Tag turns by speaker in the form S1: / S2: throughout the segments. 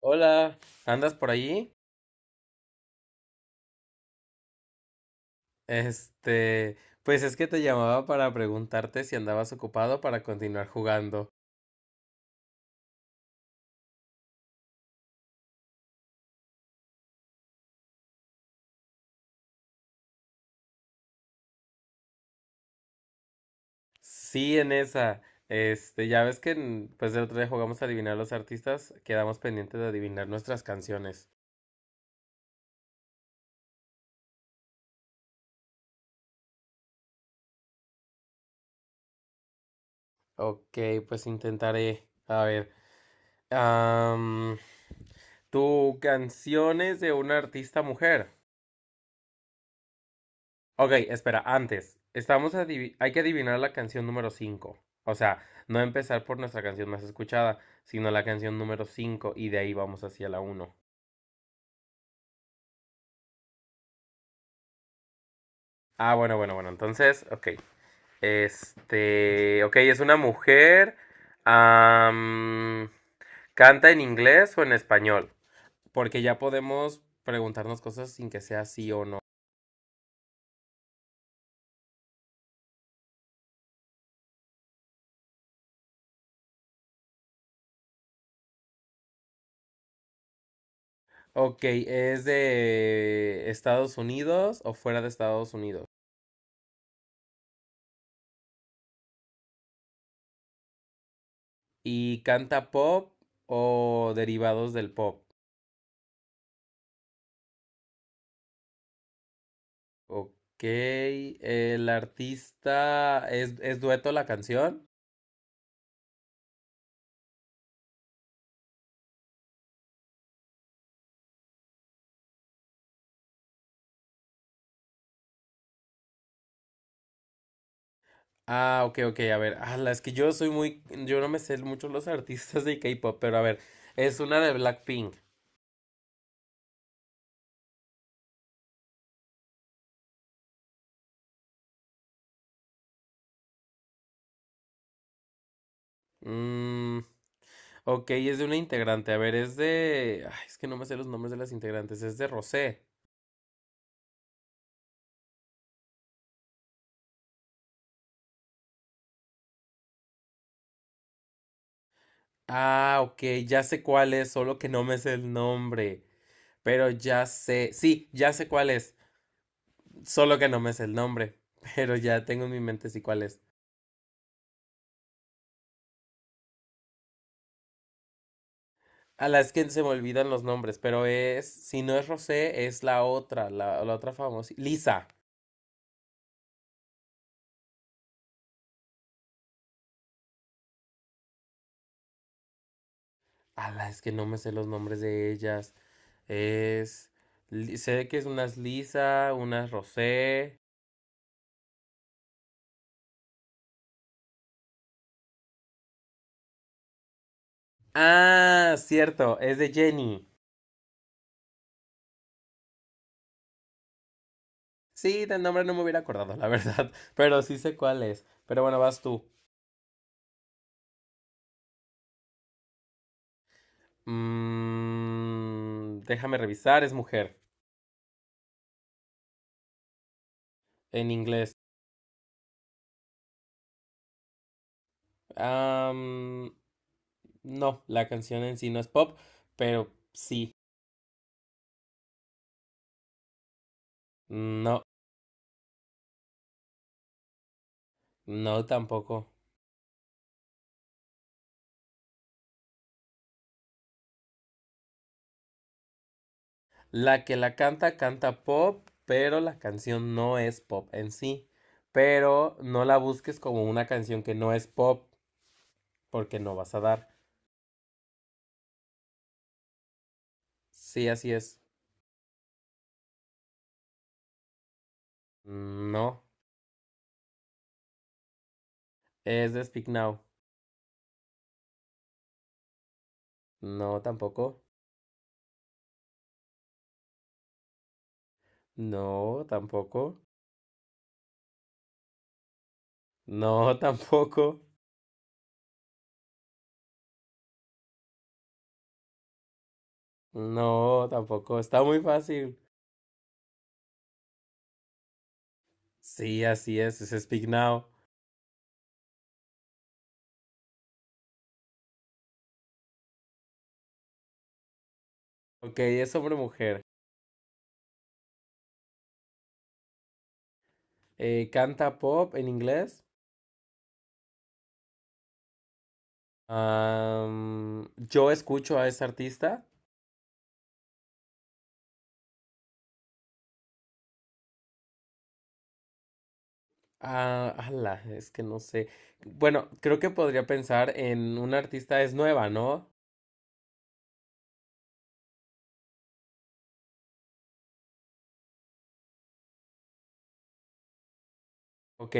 S1: Hola, ¿andas por allí? Este, pues es que te llamaba para preguntarte si andabas ocupado para continuar jugando. Sí, en esa. Ya ves que pues el otro día jugamos a adivinar los artistas, quedamos pendientes de adivinar nuestras canciones. Ok, pues intentaré. A ver, am, ¿tu canción es de una artista mujer? Ok, espera, antes, hay que adivinar la canción número 5. O sea, no empezar por nuestra canción más escuchada, sino la canción número 5 y de ahí vamos hacia la uno. Ah, bueno, bueno, bueno, entonces, ok. Ok, es una mujer. am, ¿Canta en inglés o en español? Porque ya podemos preguntarnos cosas sin que sea sí o no. Ok, ¿es de Estados Unidos o fuera de Estados Unidos? ¿Y canta pop o derivados del pop? Ok. ¿El artista es dueto la canción? Ah, ok, ok. A ver. Ah, es que yo soy muy. Yo no me sé mucho los artistas de K-pop, pero a ver. Es una de Blackpink. Mm, ok, es de una integrante. A ver, es de. Ay, es que no me sé los nombres de las integrantes. Es de Rosé. Ah, ok, ya sé cuál es, solo que no me sé el nombre. Pero ya sé. Sí, ya sé cuál es. Solo que no me sé el nombre, pero ya tengo en mi mente sí cuál es. A las que se me olvidan los nombres, pero es, si no es Rosé, es la otra, la otra famosa, Lisa. A las que no me sé los nombres de ellas. Es, sé que es unas Lisa, unas Rosé. Ah, cierto, es de Jenny. Sí, del nombre no me hubiera acordado, la verdad, pero sí sé cuál es. Pero bueno, vas tú. Mm, déjame revisar, es mujer, en inglés. Am, no, la canción en sí no es pop, pero sí. No, no tampoco. La que la canta, canta pop, pero la canción no es pop en sí. Pero no la busques como una canción que no es pop, porque no vas a dar. Sí, así es. No, es de Speak Now. No, tampoco. No, tampoco. No, tampoco. No, tampoco. Está muy fácil. Sí, así es Speak Now. Ok, es sobre mujer. Canta pop en inglés. Yo escucho a esa artista. Ah, ala, es que no sé. Bueno, creo que podría pensar en una artista, es nueva, ¿no? Ok,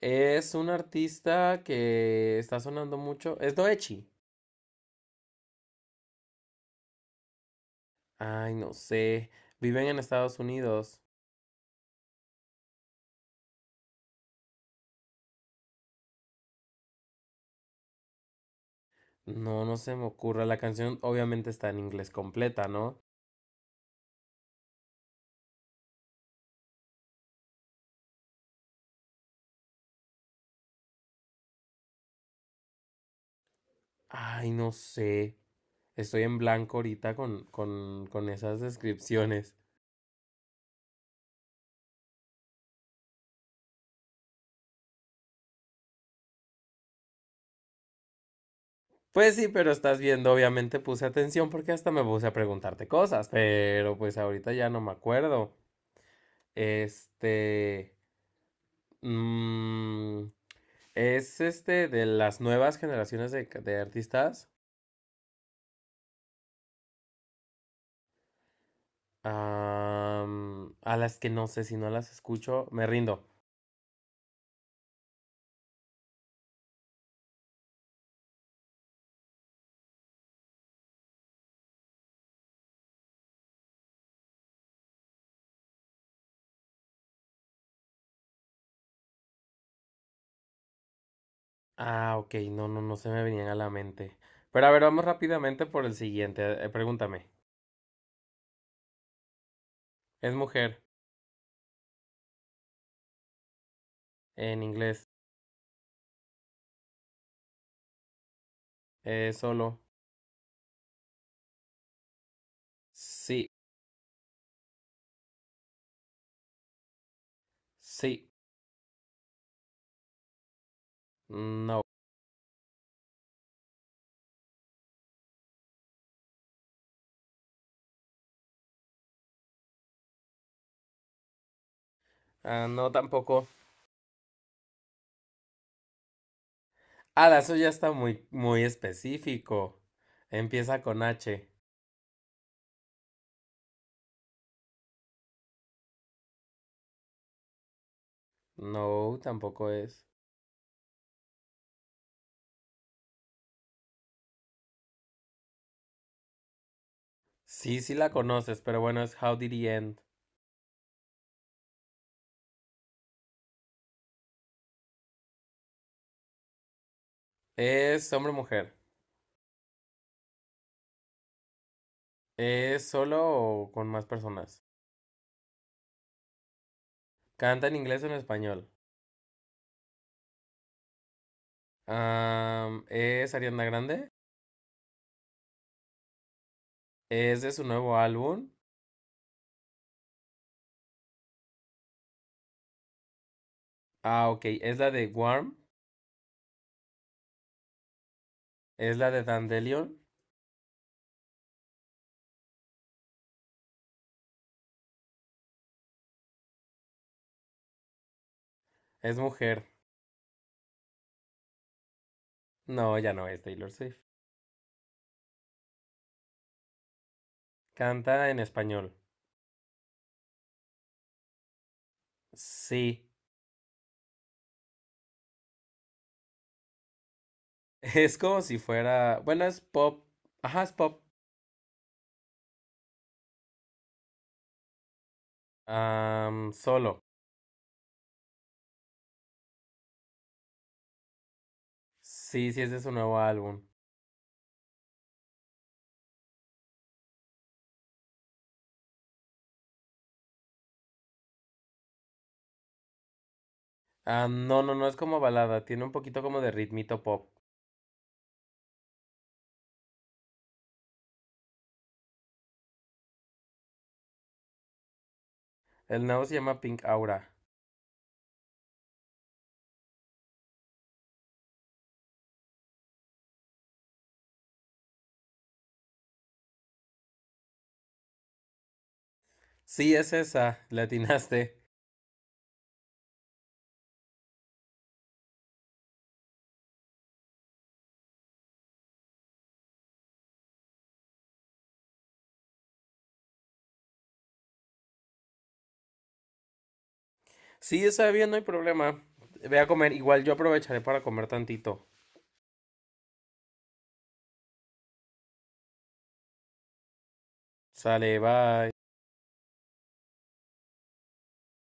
S1: es una artista que está sonando mucho. Es Doechi. Ay, no sé. Viven en Estados Unidos. No, no se me ocurre. La canción obviamente está en inglés completa, ¿no? Ay, no sé. Estoy en blanco ahorita con, con esas descripciones. Pues sí, pero estás viendo, obviamente puse atención porque hasta me puse a preguntarte cosas, pero pues ahorita ya no me acuerdo. Este... mm, es este de las nuevas generaciones de artistas. A las que no sé, si no las escucho, me rindo. Ah, ok, no, no, no se me venían a la mente. Pero a ver, vamos rápidamente por el siguiente. Pregúntame. Es mujer en inglés. Solo. Sí. Sí. No. Ah, no, tampoco. Ah, eso ya está muy, muy específico. Empieza con H. No, tampoco es. Sí, sí la conoces, pero bueno, es How Did He End. ¿Es hombre o mujer? ¿Es solo o con más personas? ¿Canta en inglés o en español? ¿Es Ariana Grande? ¿Es de su nuevo álbum? Ah, ok. ¿Es la de Warm? ¿Es la de Dandelion? ¿Es mujer? No, ya no es Taylor Swift. Canta en español. Sí. Es como si fuera. Bueno, es pop. Ajá, es pop. Solo. Sí, sí, es de su nuevo álbum. Ah, no, no, no es como balada. Tiene un poquito como de ritmito pop. El nuevo se llama Pink Aura. Sí, es esa. Le atinaste. Sí, está bien, no hay problema. Ve a comer. Igual yo aprovecharé para comer tantito. Sale, bye.